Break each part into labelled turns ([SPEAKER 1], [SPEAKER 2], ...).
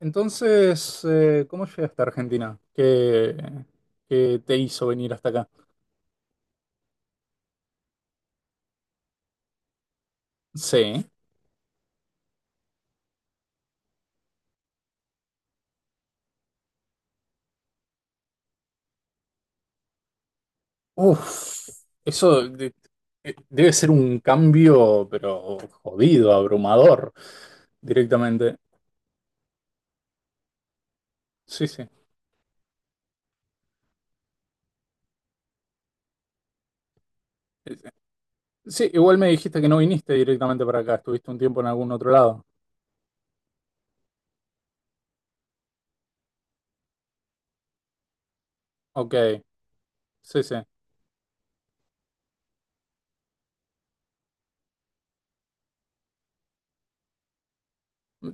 [SPEAKER 1] Entonces, ¿cómo llegaste a Argentina? ¿Qué te hizo venir hasta acá? Sí. Uf, eso de- debe ser un cambio, pero jodido, abrumador, directamente. Sí, sí. Eh, Sí, igual me dijiste que no viniste directamente para acá, estuviste un tiempo en algún otro lado. Ok, sí, sí.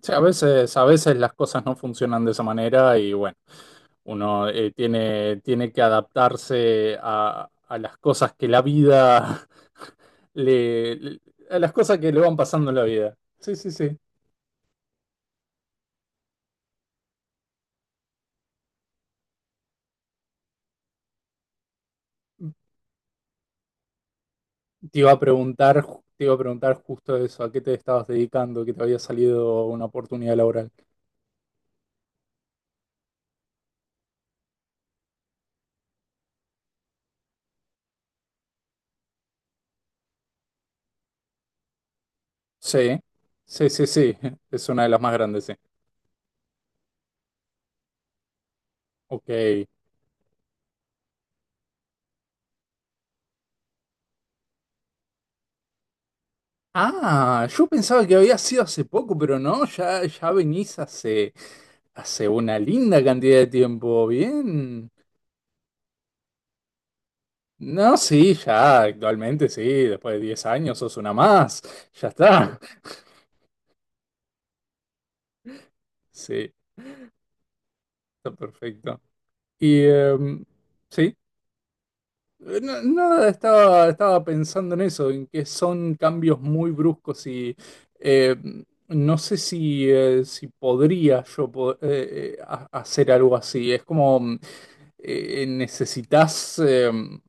[SPEAKER 1] Sí, a veces las cosas no funcionan de esa manera y bueno, uno tiene que adaptarse a las cosas que la vida le, le- a las cosas que le van pasando en la vida. Sí, sí, sí. Te iba a preguntar, te iba a preguntar justo eso, ¿a qué te estabas dedicando? Que te había salido una oportunidad laboral. Sí, sí, sí, sí. Es una de las más grandes, sí. Ok. Ah, yo pensaba que había sido hace poco, pero no, ya venís hace. Hace una linda cantidad de tiempo, bien. No, sí, ya, actualmente sí, después de 10 años sos una más, ya está. Sí, está perfecto. Y em, sí, no, no, estaba, estaba pensando en eso, en que son cambios muy bruscos y no sé si, si podría yo hacer algo así. Es como necesitas... em,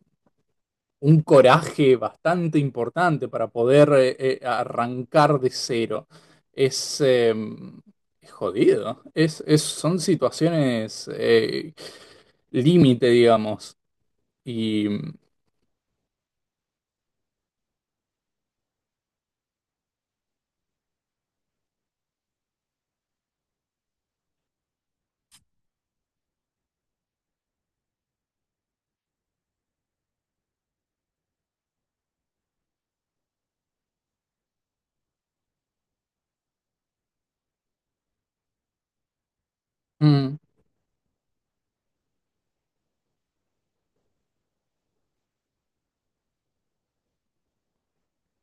[SPEAKER 1] un coraje bastante importante para poder arrancar de cero. Es, eh, es jodido. Son situaciones límite, digamos. Y mm,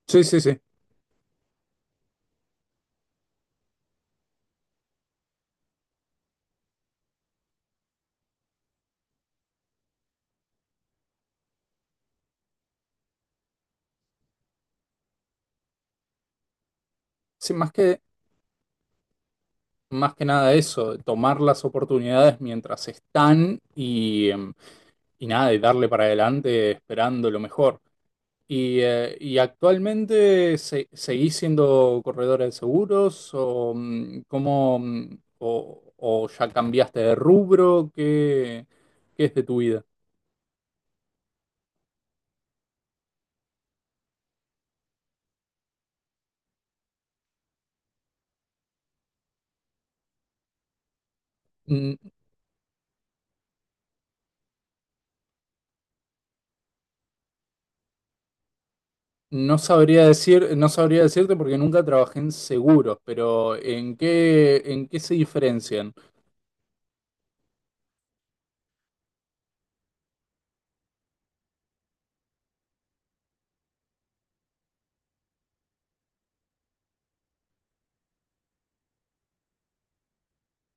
[SPEAKER 1] sí, sí, sí. Sí, más que nada eso, tomar las oportunidades mientras están y y nada, y darle para adelante esperando lo mejor. Y actualmente seguís siendo corredora de seguros o, o ya cambiaste de rubro? ¿Qué es de tu vida? N- No sabría decir, no sabría decirte porque nunca trabajé en seguros, pero ¿en qué se diferencian?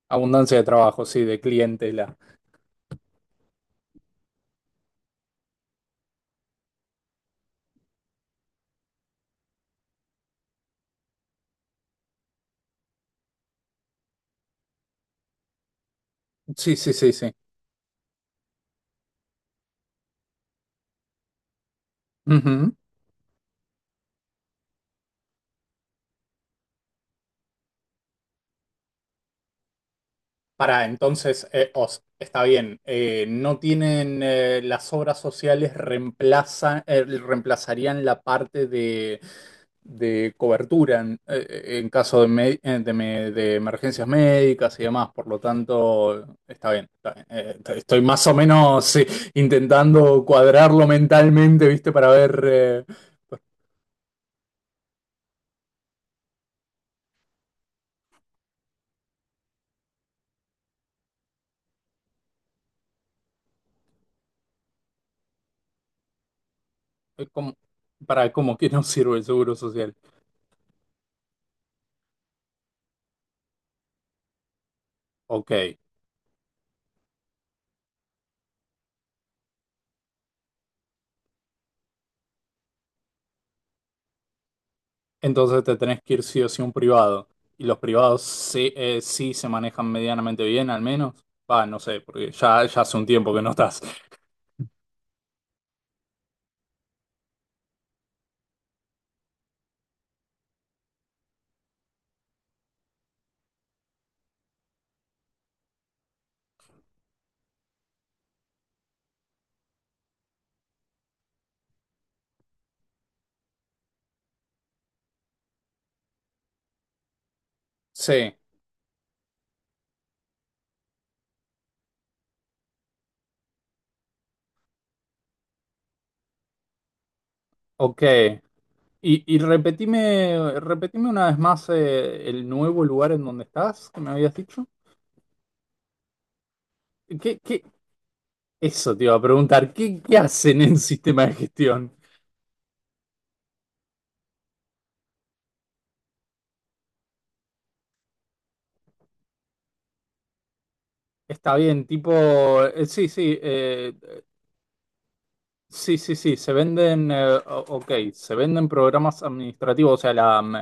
[SPEAKER 1] Abundancia de trabajo, sí, de clientela. Sí, sí, sí, sí. Para entonces, está bien, no tienen las obras sociales reemplazan, reemplazarían la parte de cobertura en caso de, de emergencias médicas y demás, por lo tanto, está bien, está bien. Estoy más o menos intentando cuadrarlo mentalmente, ¿viste? Para ver cómo, para cómo que no sirve el seguro social. Ok. Entonces te tenés que ir sí o sí a un privado. Y los privados sí, sí se manejan medianamente bien, al menos. Va, no sé, porque ya, ya hace un tiempo que no estás. Sí, ok. Y repetime, repetime una vez más el nuevo lugar en donde estás, que me habías dicho. ¿Qué, qué? Eso te iba a preguntar, ¿qué hacen en sistema de gestión? Está bien, tipo, eh, sí, sí, eh, sí, sí, sí, se venden, ok, se venden programas administrativos, o sea,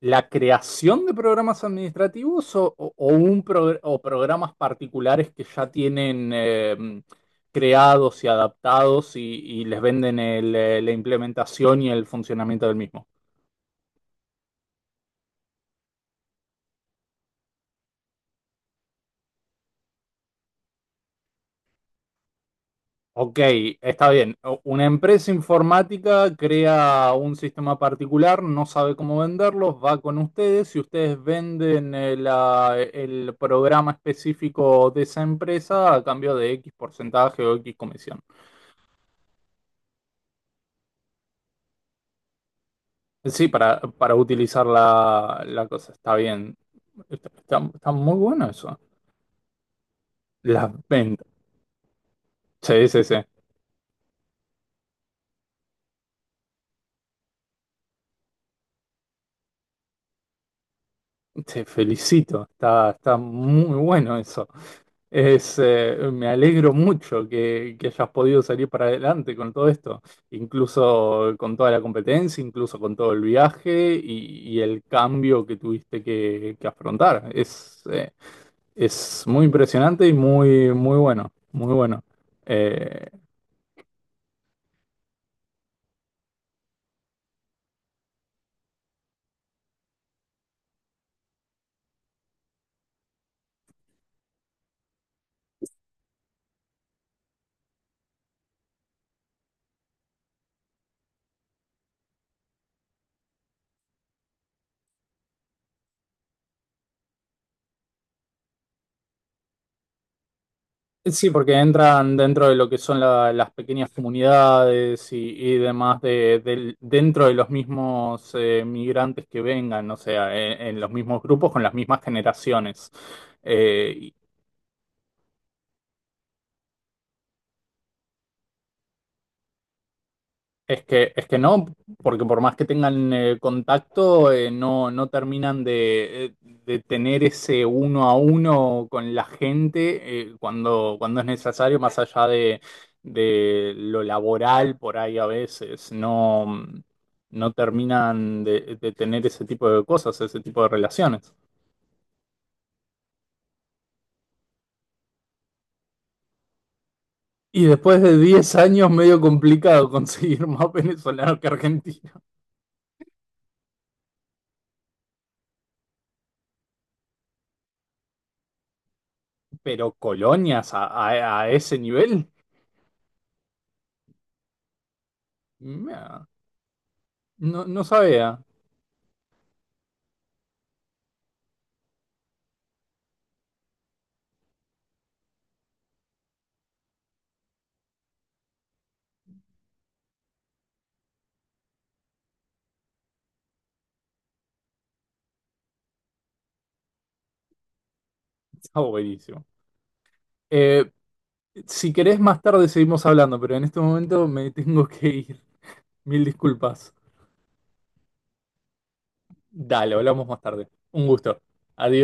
[SPEAKER 1] la creación de programas administrativos o o un progr- o programas particulares que ya tienen creados y adaptados y les venden el, la implementación y el funcionamiento del mismo. Ok, está bien. Una empresa informática crea un sistema particular, no sabe cómo venderlos, va con ustedes y ustedes venden el, ah, el programa específico de esa empresa a cambio de X porcentaje o X comisión. Sí, para utilizar la cosa. Está bien. Está muy bueno eso. Las ventas. Sí, sí, sí. Te felicito, está muy bueno eso. Me alegro mucho que hayas podido salir para adelante con todo esto, incluso con toda la competencia, incluso con todo el viaje y el cambio que tuviste que afrontar. Es muy impresionante y muy, muy bueno, muy bueno. Eh, sí, porque entran dentro de lo que son las pequeñas comunidades y demás dentro de los mismos migrantes que vengan, o sea, en los mismos grupos con las mismas generaciones. Eh, Es que, es que no, porque por más que tengan contacto, no, no terminan de tener ese uno a uno con la gente cuando es necesario, más allá de lo laboral por ahí a veces, no, no terminan de tener ese tipo de cosas, ese tipo de relaciones. Y después de 10 años, medio complicado conseguir más venezolanos que argentinos, pero colonias a ese nivel. No, no sabía. Está buenísimo. Eh, si querés, más tarde seguimos hablando, pero en este momento me tengo que ir. Mil disculpas. Dale, hablamos más tarde. Un gusto. Adiós.